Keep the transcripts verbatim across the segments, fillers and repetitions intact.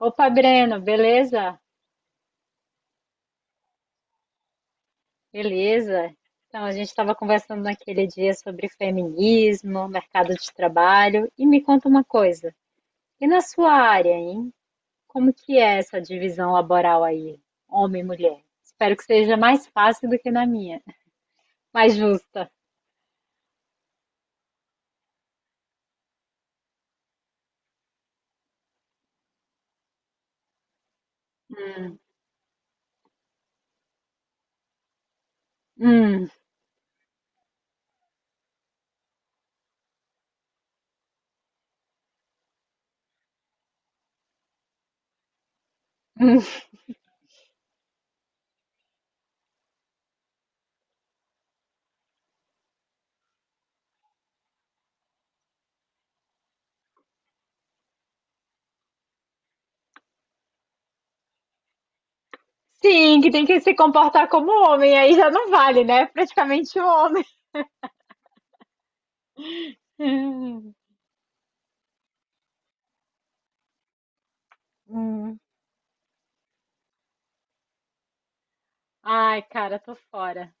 Opa, Breno, beleza? Beleza? Então, a gente estava conversando naquele dia sobre feminismo, mercado de trabalho, e me conta uma coisa. E na sua área, hein? Como que é essa divisão laboral aí, homem e mulher? Espero que seja mais fácil do que na minha, mais justa. Hum, hum. Sim, que tem que se comportar como homem, aí já não vale, né? Praticamente o homem. Hum. Ai, cara, tô fora.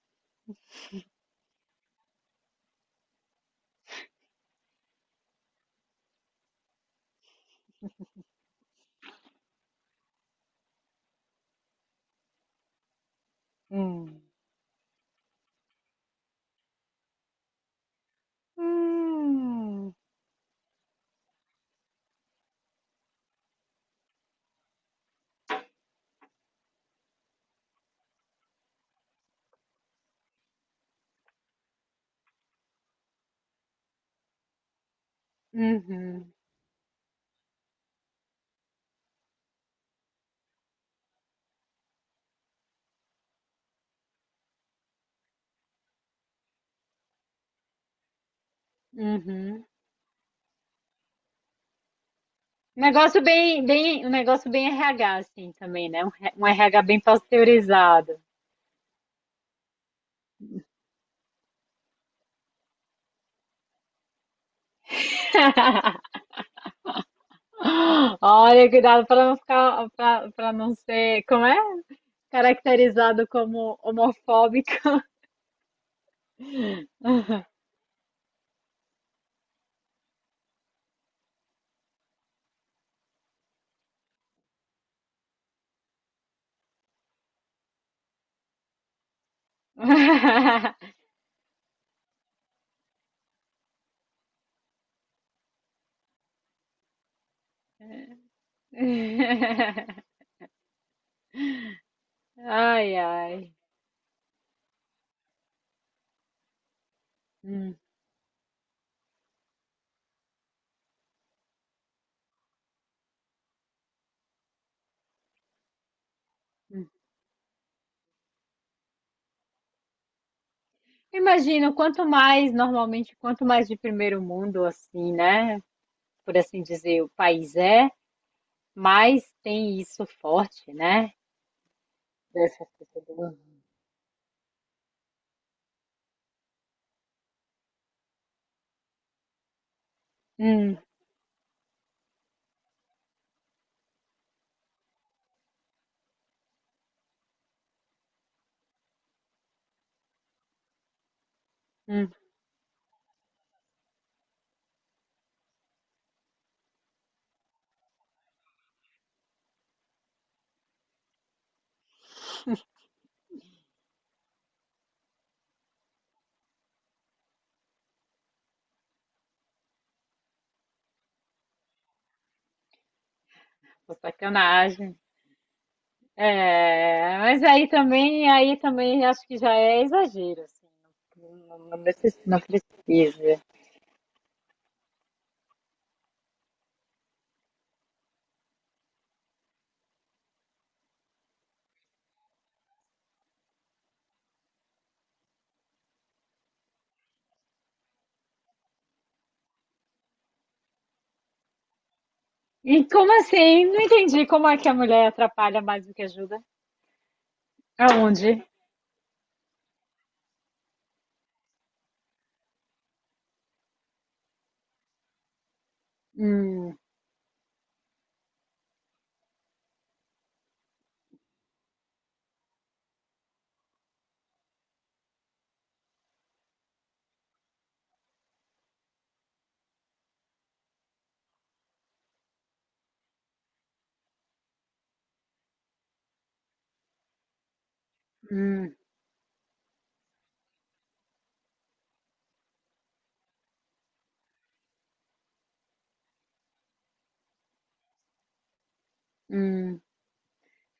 Hum. Hum. Uhum, uhum. Um negócio bem bem um negócio bem R H, assim, também, né, um re um R H bem pasteurizado. Olha, cuidado para não ficar para pra não ser como é? Caracterizado como homofóbico. Ai, ai. Hum. Imagino, quanto mais, normalmente, quanto mais de primeiro mundo, assim, né, por assim dizer, o país é, mais tem isso forte, né? Dessa fita do ano. Hum, hum, pô, sacanagem. É, mas aí também, aí também acho que já é exagero, assim. Não, não não necess- não precisa. E como assim? Não entendi como é que a mulher atrapalha mais do que ajuda. Aonde? Hum, hum, hum.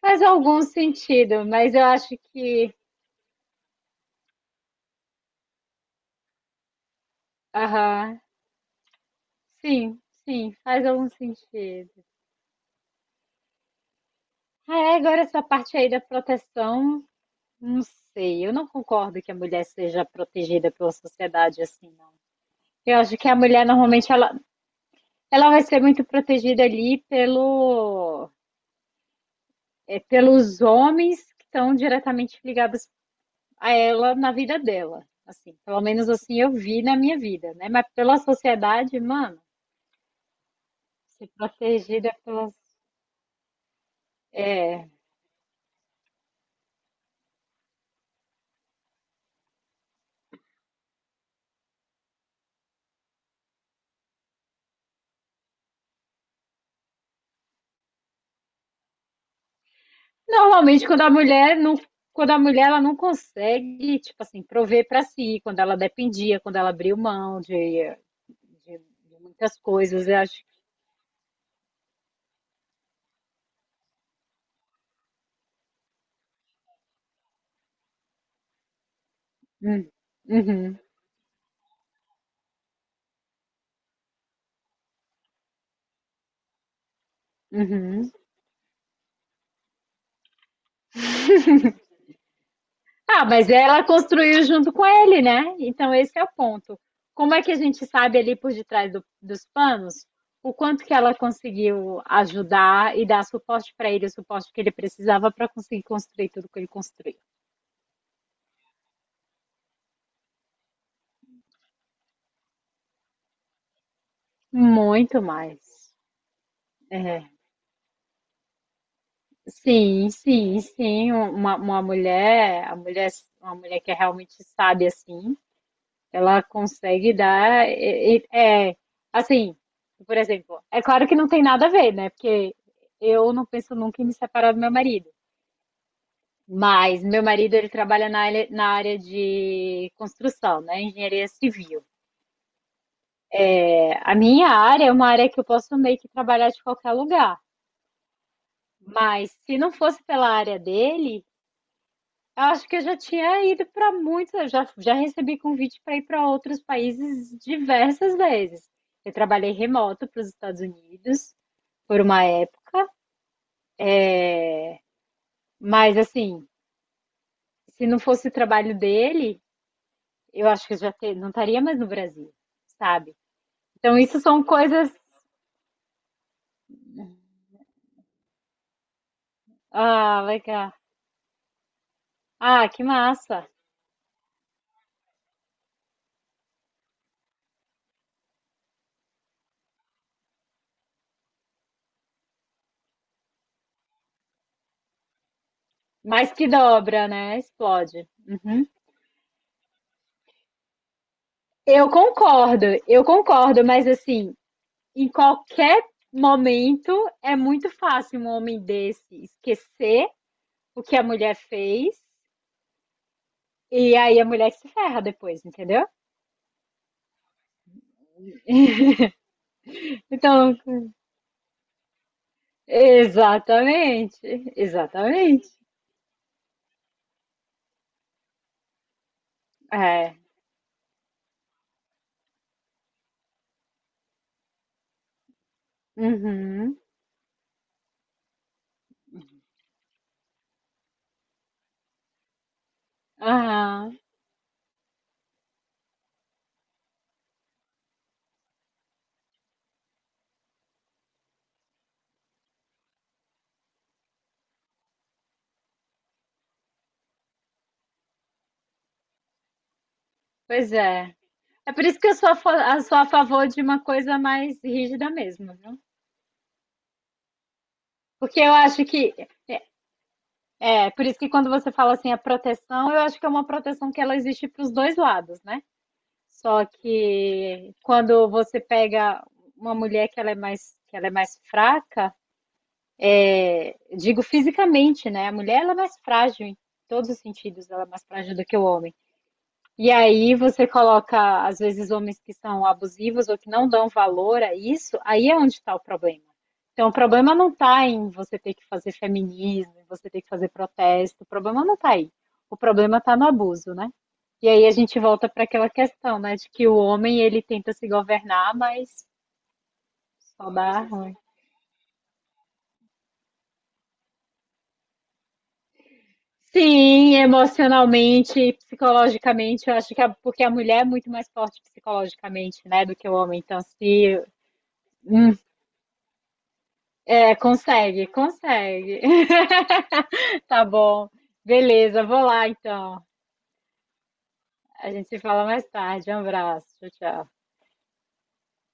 Faz algum sentido, mas eu acho que. Aham. Sim, sim, faz algum sentido. Ah, é, agora essa parte aí da proteção não sei, eu não concordo que a mulher seja protegida pela sociedade assim, não. Eu acho que a mulher normalmente ela, ela vai ser muito protegida ali pelo, é, pelos homens que estão diretamente ligados a ela na vida dela. Assim, pelo menos assim eu vi na minha vida, né? Mas pela sociedade, mano, ser protegida pelas. É. Normalmente quando a mulher não. Quando a mulher ela não consegue, tipo assim, prover pra si, quando ela dependia, quando ela abriu mão de de, de muitas coisas, eu acho. Hum, Uhum, uhum. Ah, mas ela construiu junto com ele, né? Então esse é o ponto. Como é que a gente sabe ali por detrás do- dos panos o quanto que ela conseguiu ajudar e dar suporte para ele, o suporte que ele precisava para conseguir construir tudo que ele construiu? Muito mais. É, sim, sim, sim. Uma, uma mulher, a mulher, uma mulher que é realmente sábia assim. Ela consegue dar. e- e- É, assim, por exemplo, é claro que não tem nada a ver, né? Porque eu não penso nunca em me separar do meu marido. Mas meu marido, ele trabalha na área, na área de construção, né? Engenharia civil. É, a minha área é uma área que eu posso meio que trabalhar de qualquer lugar. Mas se não fosse pela área dele, eu acho que eu já tinha ido para muitos, eu já, já recebi convite para ir para outros países diversas vezes. Eu trabalhei remoto para os Estados Unidos por uma época, mas assim, se não fosse o trabalho dele, eu acho que eu já te- não estaria mais no Brasil, sabe? Então, isso são coisas. Ah, legal. Ah, que massa. Mas que dobra, né? Explode. Uhum. Eu concordo, eu concordo, mas assim, em qualquer momento é muito fácil um homem desse esquecer o que a mulher fez e aí a mulher se ferra depois, entendeu? Então, exatamente, exatamente. É. Uhum. Aham. Pois é. É por isso que eu sou a, fa- a- sou a favor de uma coisa mais rígida mesmo, viu? Porque eu acho que, é, por isso que quando você fala assim, a proteção, eu acho que é uma proteção que ela existe para os dois lados, né? Só que quando você pega uma mulher que ela é mais, que ela é mais fraca, é, digo fisicamente, né? A mulher ela é mais frágil em todos os sentidos, ela é mais frágil do que o homem. E aí você coloca, às vezes, homens que são abusivos ou que não dão valor a isso, aí é onde está o problema. Então, o problema não está em você ter que fazer feminismo, você ter que fazer protesto, o problema não está aí. O problema está no abuso, né? E aí a gente volta para aquela questão, né, de que o homem ele tenta se governar, mas só dá ruim. Sim, emocionalmente e psicologicamente, eu acho que a, porque a mulher é muito mais forte psicologicamente, né, do que o homem. Então, se é, consegue, consegue. Tá bom. Beleza, vou lá então. A gente se fala mais tarde. Um abraço. Tchau, tchau.